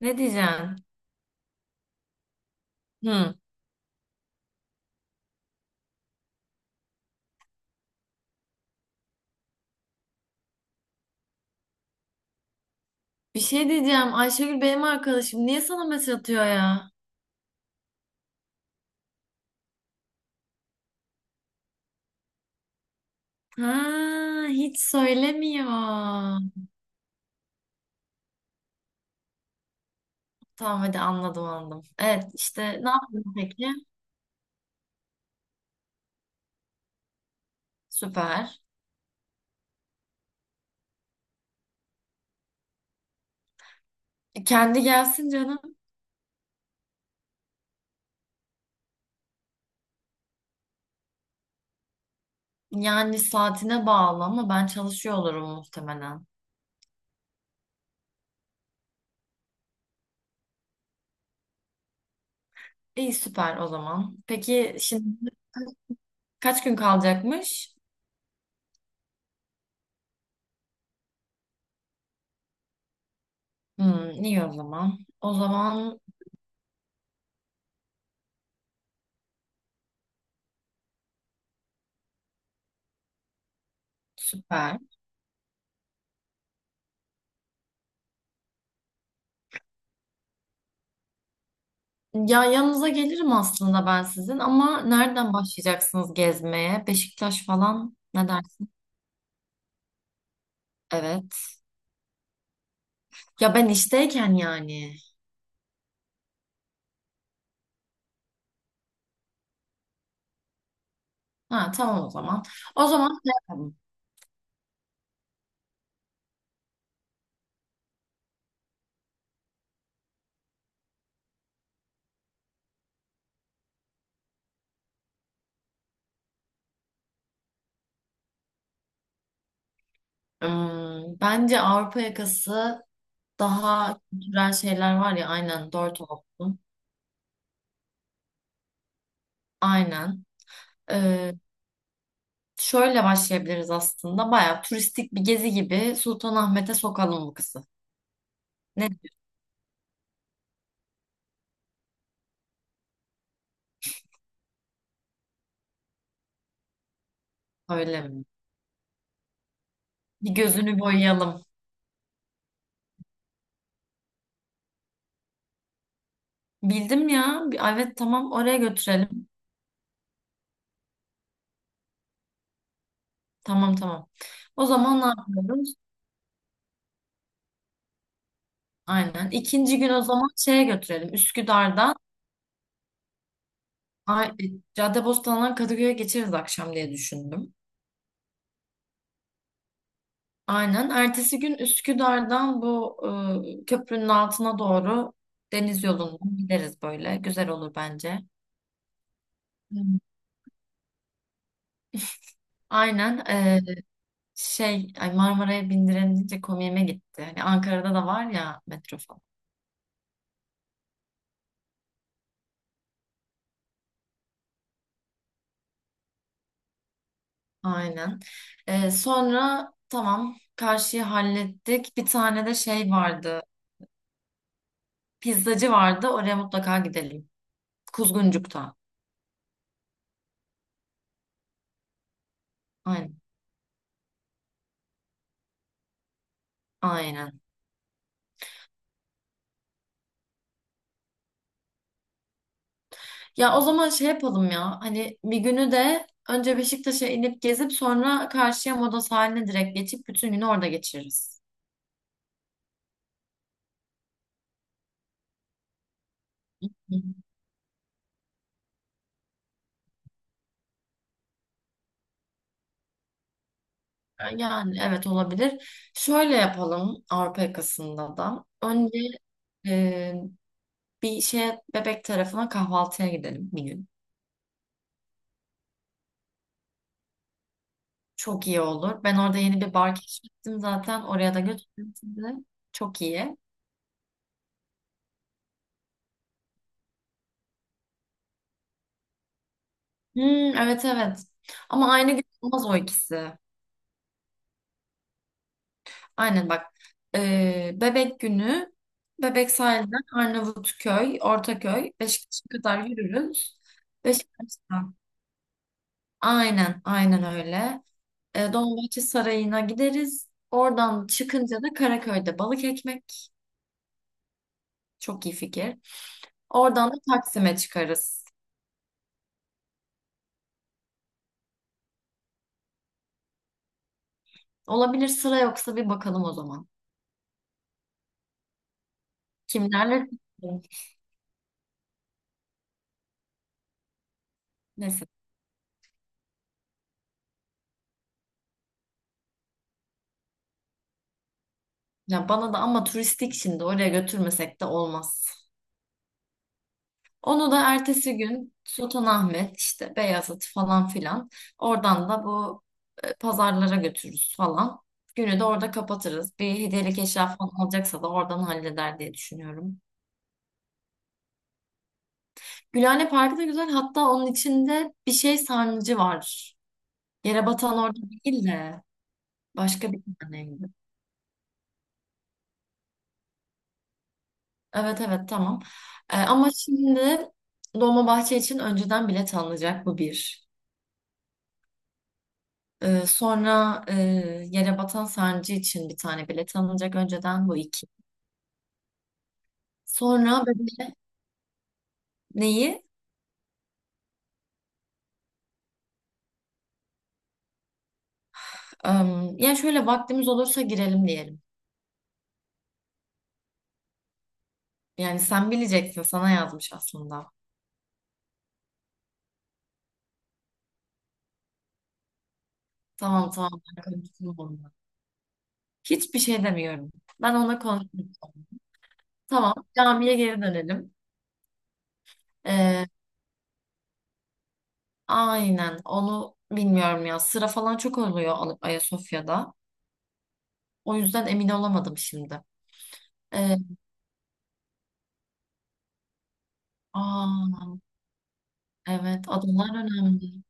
Ne diyeceğim? Hı. Bir şey diyeceğim. Ayşegül benim arkadaşım. Niye sana mesaj atıyor ya? Ha, hiç söylemiyor. Tamam, hadi anladım. Evet, işte ne yaptın peki? Süper. Kendi gelsin canım. Yani saatine bağlı ama ben çalışıyor olurum muhtemelen. İyi, süper o zaman. Peki şimdi kaç gün kalacakmış? Hmm, iyi o zaman. O zaman süper. Ya, yanınıza gelirim aslında ben sizin, ama nereden başlayacaksınız gezmeye? Beşiktaş falan ne dersin? Evet. Ya ben işteyken yani. Ha, tamam o zaman. O zaman şey yapalım. Hmm, bence Avrupa yakası daha kültürel şeyler var ya, aynen dört olsun. Aynen. Ee, Şöyle başlayabiliriz aslında. Baya turistik bir gezi gibi Sultanahmet'e sokalım bu kızı. Ne, öyle mi? Bir gözünü boyayalım. Bildim ya. Evet, tamam, oraya götürelim. Tamam, tamam. O zaman ne yapıyoruz? Aynen. İkinci gün o zaman şeye götürelim. Üsküdar'dan. Ay- e, Caddebostan'dan Kadıköy'e geçeriz akşam diye düşündüm. Aynen. Ertesi gün Üsküdar'dan bu köprünün altına doğru deniz yolundan gideriz böyle. Güzel olur bence. Hı. Aynen. Şey, ay, Marmara'ya bindirenince komiğime gitti. Hani Ankara'da da var ya, metro. Aynen. Sonra tamam, karşıyı hallettik. Bir tane de şey vardı. Pizzacı vardı. Oraya mutlaka gidelim. Kuzguncuk'ta. Aynen. Aynen. Ya o zaman şey yapalım ya. Hani bir günü de önce Beşiktaş'a inip gezip sonra karşıya Moda sahiline direkt geçip bütün günü orada geçiririz. Hı. Yani evet, olabilir. Şöyle yapalım Avrupa yakasında da. Önce e, bir şey, Bebek tarafına kahvaltıya gidelim bir gün. Çok iyi olur. Ben orada yeni bir bar keşfettim zaten. Oraya da götürürüm sizi. Çok iyi. Hmm, evet, evet. Ama aynı gün olmaz o ikisi. Aynen bak. Bebek günü Bebek sahilden Arnavutköy, Ortaköy, Beşiktaş'a kadar yürürüz. Beşiktaş'tan. Aynen, aynen öyle. Dolmabahçe Sarayı'na gideriz. Oradan çıkınca da Karaköy'de balık ekmek. Çok iyi fikir. Oradan da Taksim'e çıkarız. Olabilir, sıra yoksa bir bakalım o zaman. Kimlerle? Neyse. Ya bana da, ama turistik, şimdi oraya götürmesek de olmaz. Onu da ertesi gün Sultanahmet işte, Beyazıt falan filan, oradan da bu pazarlara götürürüz falan. Günü de orada kapatırız. Bir hediyelik eşya falan alacaksa da oradan halleder diye düşünüyorum. Gülhane Parkı da güzel. Hatta onun içinde bir şey sarnıcı var. Yere batan orada değil de başka bir tane. Evet, evet, tamam. Ama şimdi Dolmabahçe için önceden bilet alınacak, bu bir. Sonra, Yere Batan Sancı için bir tane bilet alınacak önceden, bu iki. Sonra bebek, neyi? Am, yani şöyle, vaktimiz olursa girelim diyelim. Yani sen bileceksin, sana yazmış aslında. Tamam, tamam, ben konuştum onunla. Hiçbir şey demiyorum. Ben ona konuştum. Tamam, camiye geri dönelim. Aynen, onu bilmiyorum ya. Sıra falan çok oluyor Ayasofya'da. O yüzden emin olamadım şimdi. Ee, aa, evet, adalar önemli.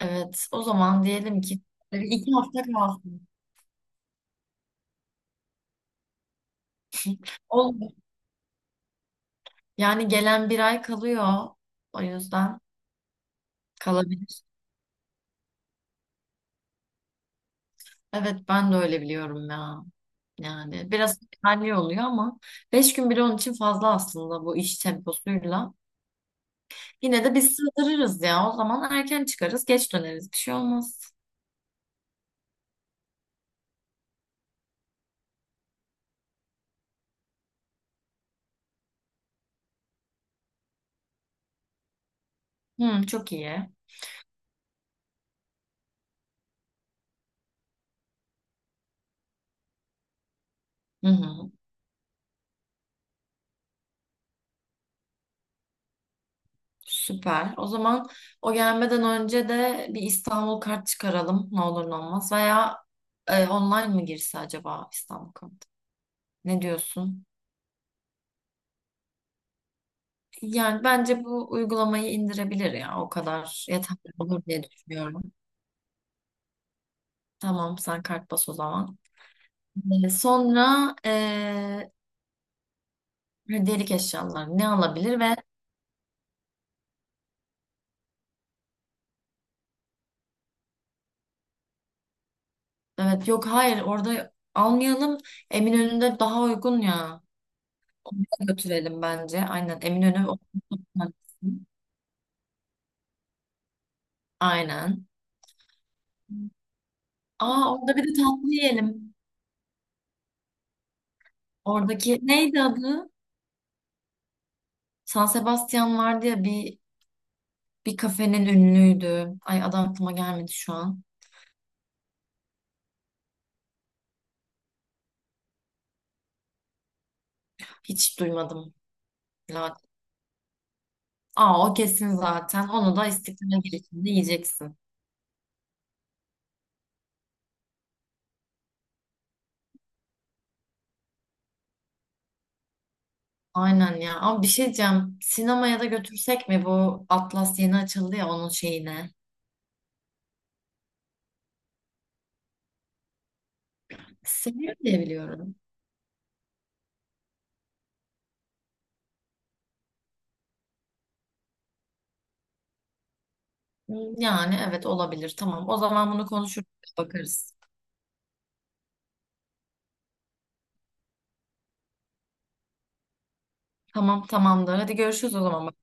Evet, o zaman diyelim ki böyle iki hafta kalsın. Olur. Yani gelen bir ay kalıyor. O yüzden kalabilir. Evet, ben de öyle biliyorum ya. Yani biraz halli oluyor ama beş gün bile onun için fazla aslında bu iş temposuyla. Yine de biz sığdırırız ya. O zaman erken çıkarız, geç döneriz. Bir şey olmaz. Hmm, çok iyi. Hı hı. Süper. O zaman o gelmeden önce de bir İstanbul kart çıkaralım. Ne olur ne olmaz. Veya online mı girse acaba İstanbul kart? Ne diyorsun? Yani bence bu uygulamayı indirebilir ya. O kadar yeterli olur diye düşünüyorum. Tamam, sen kart bas o zaman. Sonra, hediyelik eşyalar ne alabilir? Ve evet, yok, hayır, orada almayalım. Eminönü'nde daha uygun ya. Oraya götürelim bence. Aynen. Eminönü. Aynen. Aa, orada bir de tatlı yiyelim. Oradaki neydi adı? San Sebastian vardı ya, bir kafenin ünlüydü. Ay, adı aklıma gelmedi şu an. Hiç duymadım. La- Aa, o kesin zaten. Onu da İstiklal girişinde yiyeceksin. Aynen ya. Ama bir şey diyeceğim. Sinemaya da götürsek mi, bu Atlas yeni açıldı ya, onun şeyine. Seviyor diye biliyorum. Yani evet, olabilir. Tamam. O zaman bunu konuşuruz, bakarız. Tamam, tamamdır. Hadi görüşürüz o zaman.